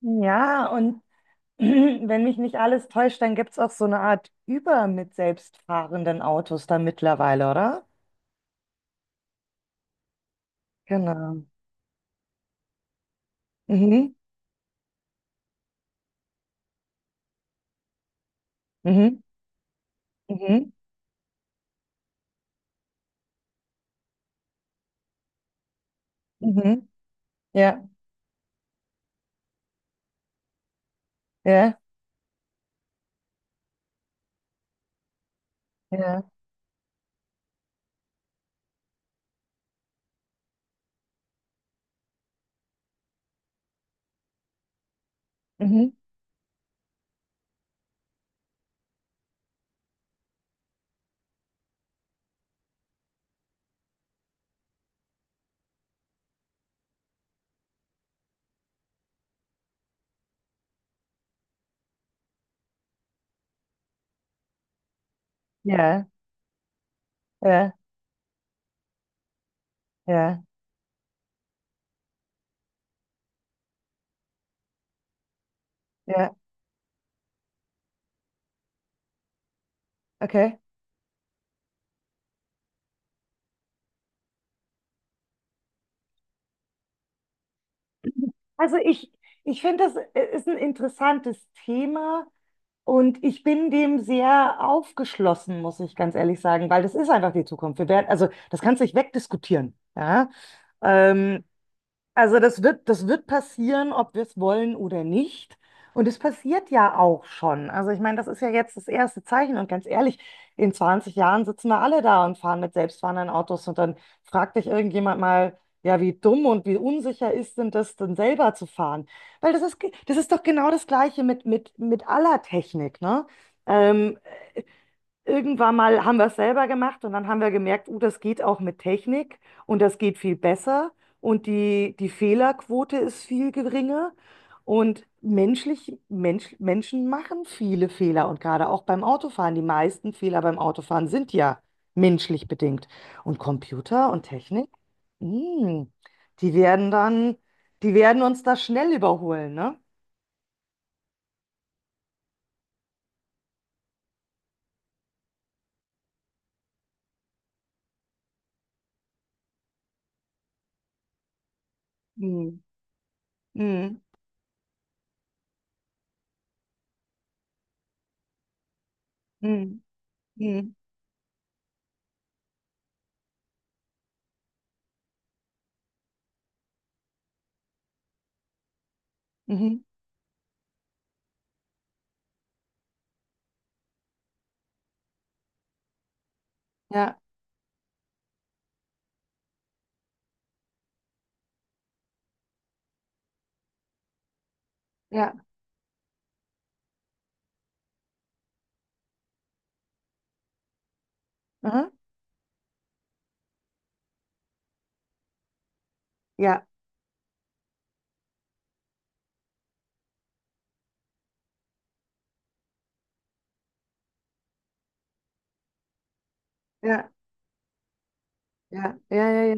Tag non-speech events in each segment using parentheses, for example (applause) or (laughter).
Ja, und (clears throat) wenn mich nicht alles täuscht, dann gibt es auch so eine Art Uber mit selbstfahrenden Autos da mittlerweile, oder? Genau. Mhm, mhm, mhm, mhm. Ja, ja, ja, mhm, ja, ja, ja, ja, okay. Also ich finde, das ist ein interessantes Thema und ich bin dem sehr aufgeschlossen, muss ich ganz ehrlich sagen, weil das ist einfach die Zukunft. Wir werden, also das kannst du nicht wegdiskutieren. Ja? Ähm, Also das wird passieren, ob wir es wollen oder nicht. Und es passiert ja auch schon. Also ich meine, das ist ja jetzt das erste Zeichen. Und ganz ehrlich, in 20 Jahren sitzen wir alle da und fahren mit selbstfahrenden Autos. Und dann fragt dich irgendjemand mal, ja, wie dumm und wie unsicher ist denn das, denn selber zu fahren? Weil das ist, das ist doch genau das Gleiche mit, mit aller Technik, ne? Ähm, Irgendwann mal haben wir es selber gemacht und dann haben wir gemerkt, oh, das geht auch mit Technik und das geht viel besser und die Fehlerquote ist viel geringer und menschlich, Menschen machen viele Fehler und gerade auch beim Autofahren. Die meisten Fehler beim Autofahren sind ja menschlich bedingt. Und Computer und Technik, mm, die werden dann, die werden uns da schnell überholen, ne? Hm. Mm, mm, mm, mhm, ja, ja, aha, ja. Ja, ja, ja, ja, ja.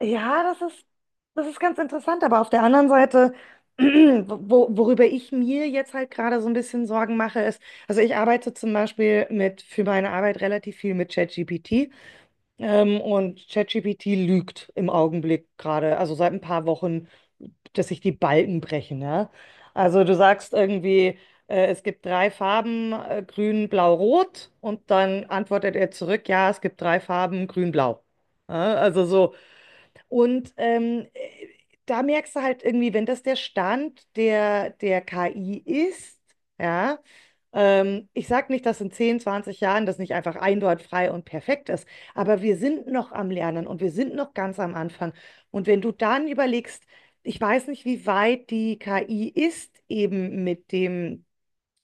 Ja, das ist ganz interessant, aber auf der anderen Seite, (clears throat) wo, worüber ich mir jetzt halt gerade so ein bisschen Sorgen mache, ist, also ich arbeite zum Beispiel mit, für meine Arbeit relativ viel mit ChatGPT. Und ChatGPT lügt im Augenblick gerade, also seit ein paar Wochen, dass sich die Balken brechen. Ja? Also du sagst irgendwie, es gibt drei Farben, grün, blau, rot, und dann antwortet er zurück, ja, es gibt drei Farben, grün, blau. Ja? Also so. Und da merkst du halt irgendwie, wenn das der Stand der KI ist, ja, ich sage nicht, dass in 10, 20 Jahren das nicht einfach einwandfrei und perfekt ist. Aber wir sind noch am Lernen und wir sind noch ganz am Anfang. Und wenn du dann überlegst, ich weiß nicht, wie weit die KI ist eben mit dem,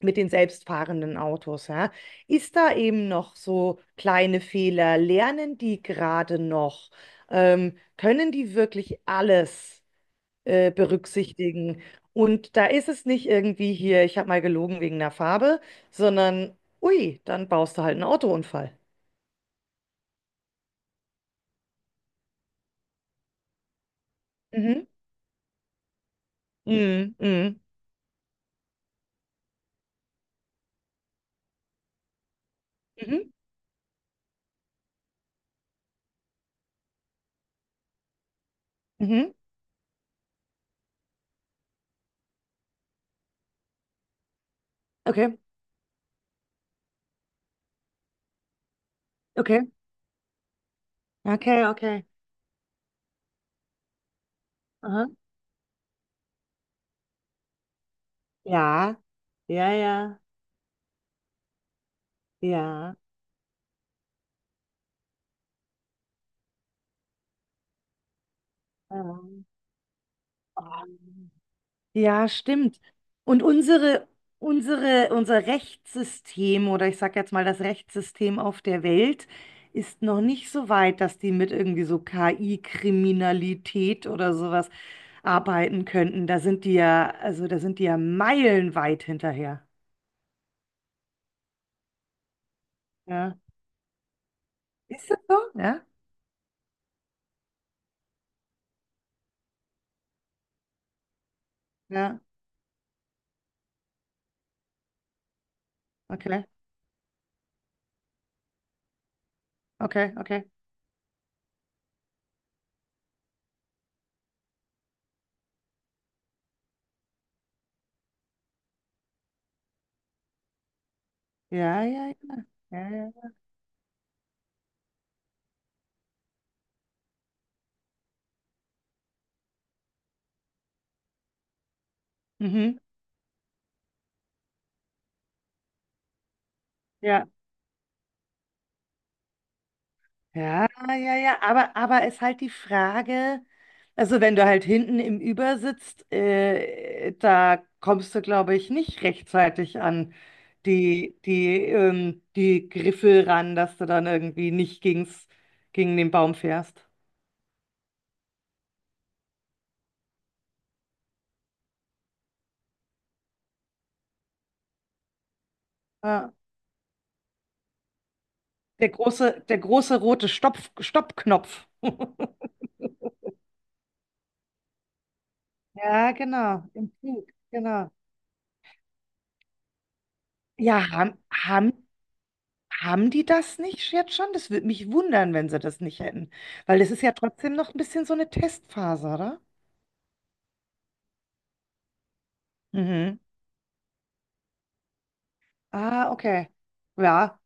mit den selbstfahrenden Autos, ja? Ist da eben noch so kleine Fehler? Lernen die gerade noch? Können die wirklich alles berücksichtigen? Und da ist es nicht irgendwie hier, ich habe mal gelogen wegen der Farbe, sondern, ui, dann baust du halt einen Autounfall. Mhm. Mhm. Mhm. Mhm. Mhm. Okay. Okay. Okay, okay. Aha. Ja, ja, ja, ja. Ja, Ähm, ja, stimmt. Und unser Rechtssystem oder ich sage jetzt mal das Rechtssystem auf der Welt ist noch nicht so weit, dass die mit irgendwie so KI-Kriminalität oder sowas arbeiten könnten. Da sind die ja, also da sind die ja meilenweit hinterher. Ja. Ist das so? Ja? Ja. Okay. Okay, okay. Ja, ja, ja, ja. Mhm. Ja, ja, ja, ja. Aber ist halt die Frage, also wenn du halt hinten im Über sitzt, da kommst du, glaube ich, nicht rechtzeitig an die, die Griffel ran, dass du dann irgendwie nicht gegen den Baum fährst. Ja. Der große rote Stoppknopf. (laughs) Ja, genau. Im Flug, genau. Ja, haben die das nicht jetzt schon? Das würde mich wundern, wenn sie das nicht hätten. Weil das ist ja trotzdem noch ein bisschen so eine Testphase, oder? Mhm. Ah, okay. Ja,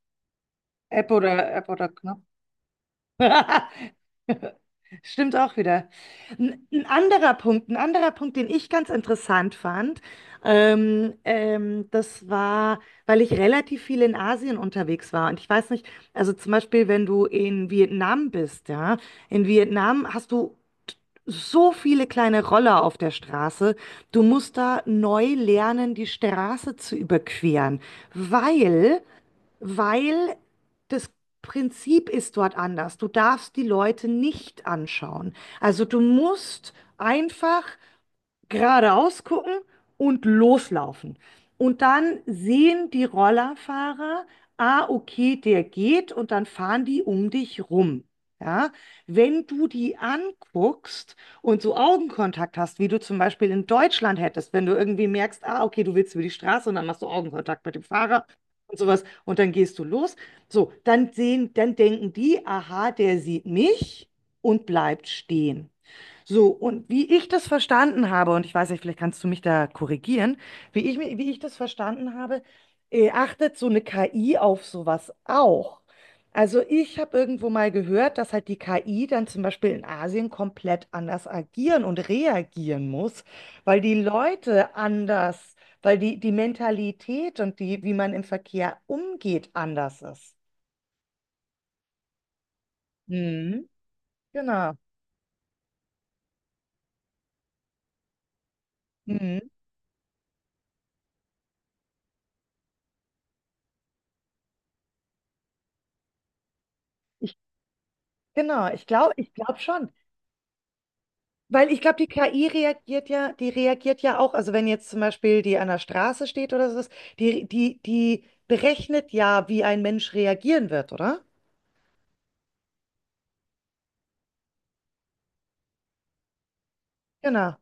App oder App oder Knopf. (laughs) Stimmt auch wieder. Ein anderer Punkt, ein anderer Punkt, den ich ganz interessant fand, das war, weil ich relativ viel in Asien unterwegs war. Und ich weiß nicht, also zum Beispiel, wenn du in Vietnam bist, ja, in Vietnam hast du so viele kleine Roller auf der Straße. Du musst da neu lernen, die Straße zu überqueren, weil, weil das Prinzip ist dort anders. Du darfst die Leute nicht anschauen. Also du musst einfach geradeaus gucken und loslaufen. Und dann sehen die Rollerfahrer, ah, okay, der geht und dann fahren die um dich rum. Ja, wenn du die anguckst und so Augenkontakt hast, wie du zum Beispiel in Deutschland hättest, wenn du irgendwie merkst, ah, okay, du willst über die Straße und dann machst du Augenkontakt mit dem Fahrer und sowas und dann gehst du los. So, dann sehen, dann denken die, aha, der sieht mich und bleibt stehen. So, und wie ich das verstanden habe, und ich weiß nicht, vielleicht kannst du mich da korrigieren, wie ich das verstanden habe, achtet so eine KI auf sowas auch. Also ich habe irgendwo mal gehört, dass halt die KI dann zum Beispiel in Asien komplett anders agieren und reagieren muss, weil die Leute anders, weil die Mentalität und die, wie man im Verkehr umgeht, anders ist. Mhm. Genau. Mhm. Ich, genau, ich glaube schon. Weil ich glaube, die KI reagiert ja, die reagiert ja auch, also wenn jetzt zum Beispiel die an der Straße steht oder so, die berechnet ja, wie ein Mensch reagieren wird, oder? Genau,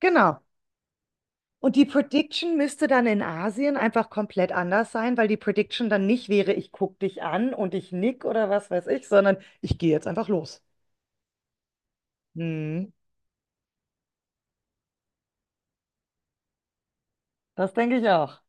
genau. Und die Prediction müsste dann in Asien einfach komplett anders sein, weil die Prediction dann nicht wäre, ich guck dich an und ich nick oder was weiß ich, sondern ich gehe jetzt einfach los. Hm, das denke ich auch.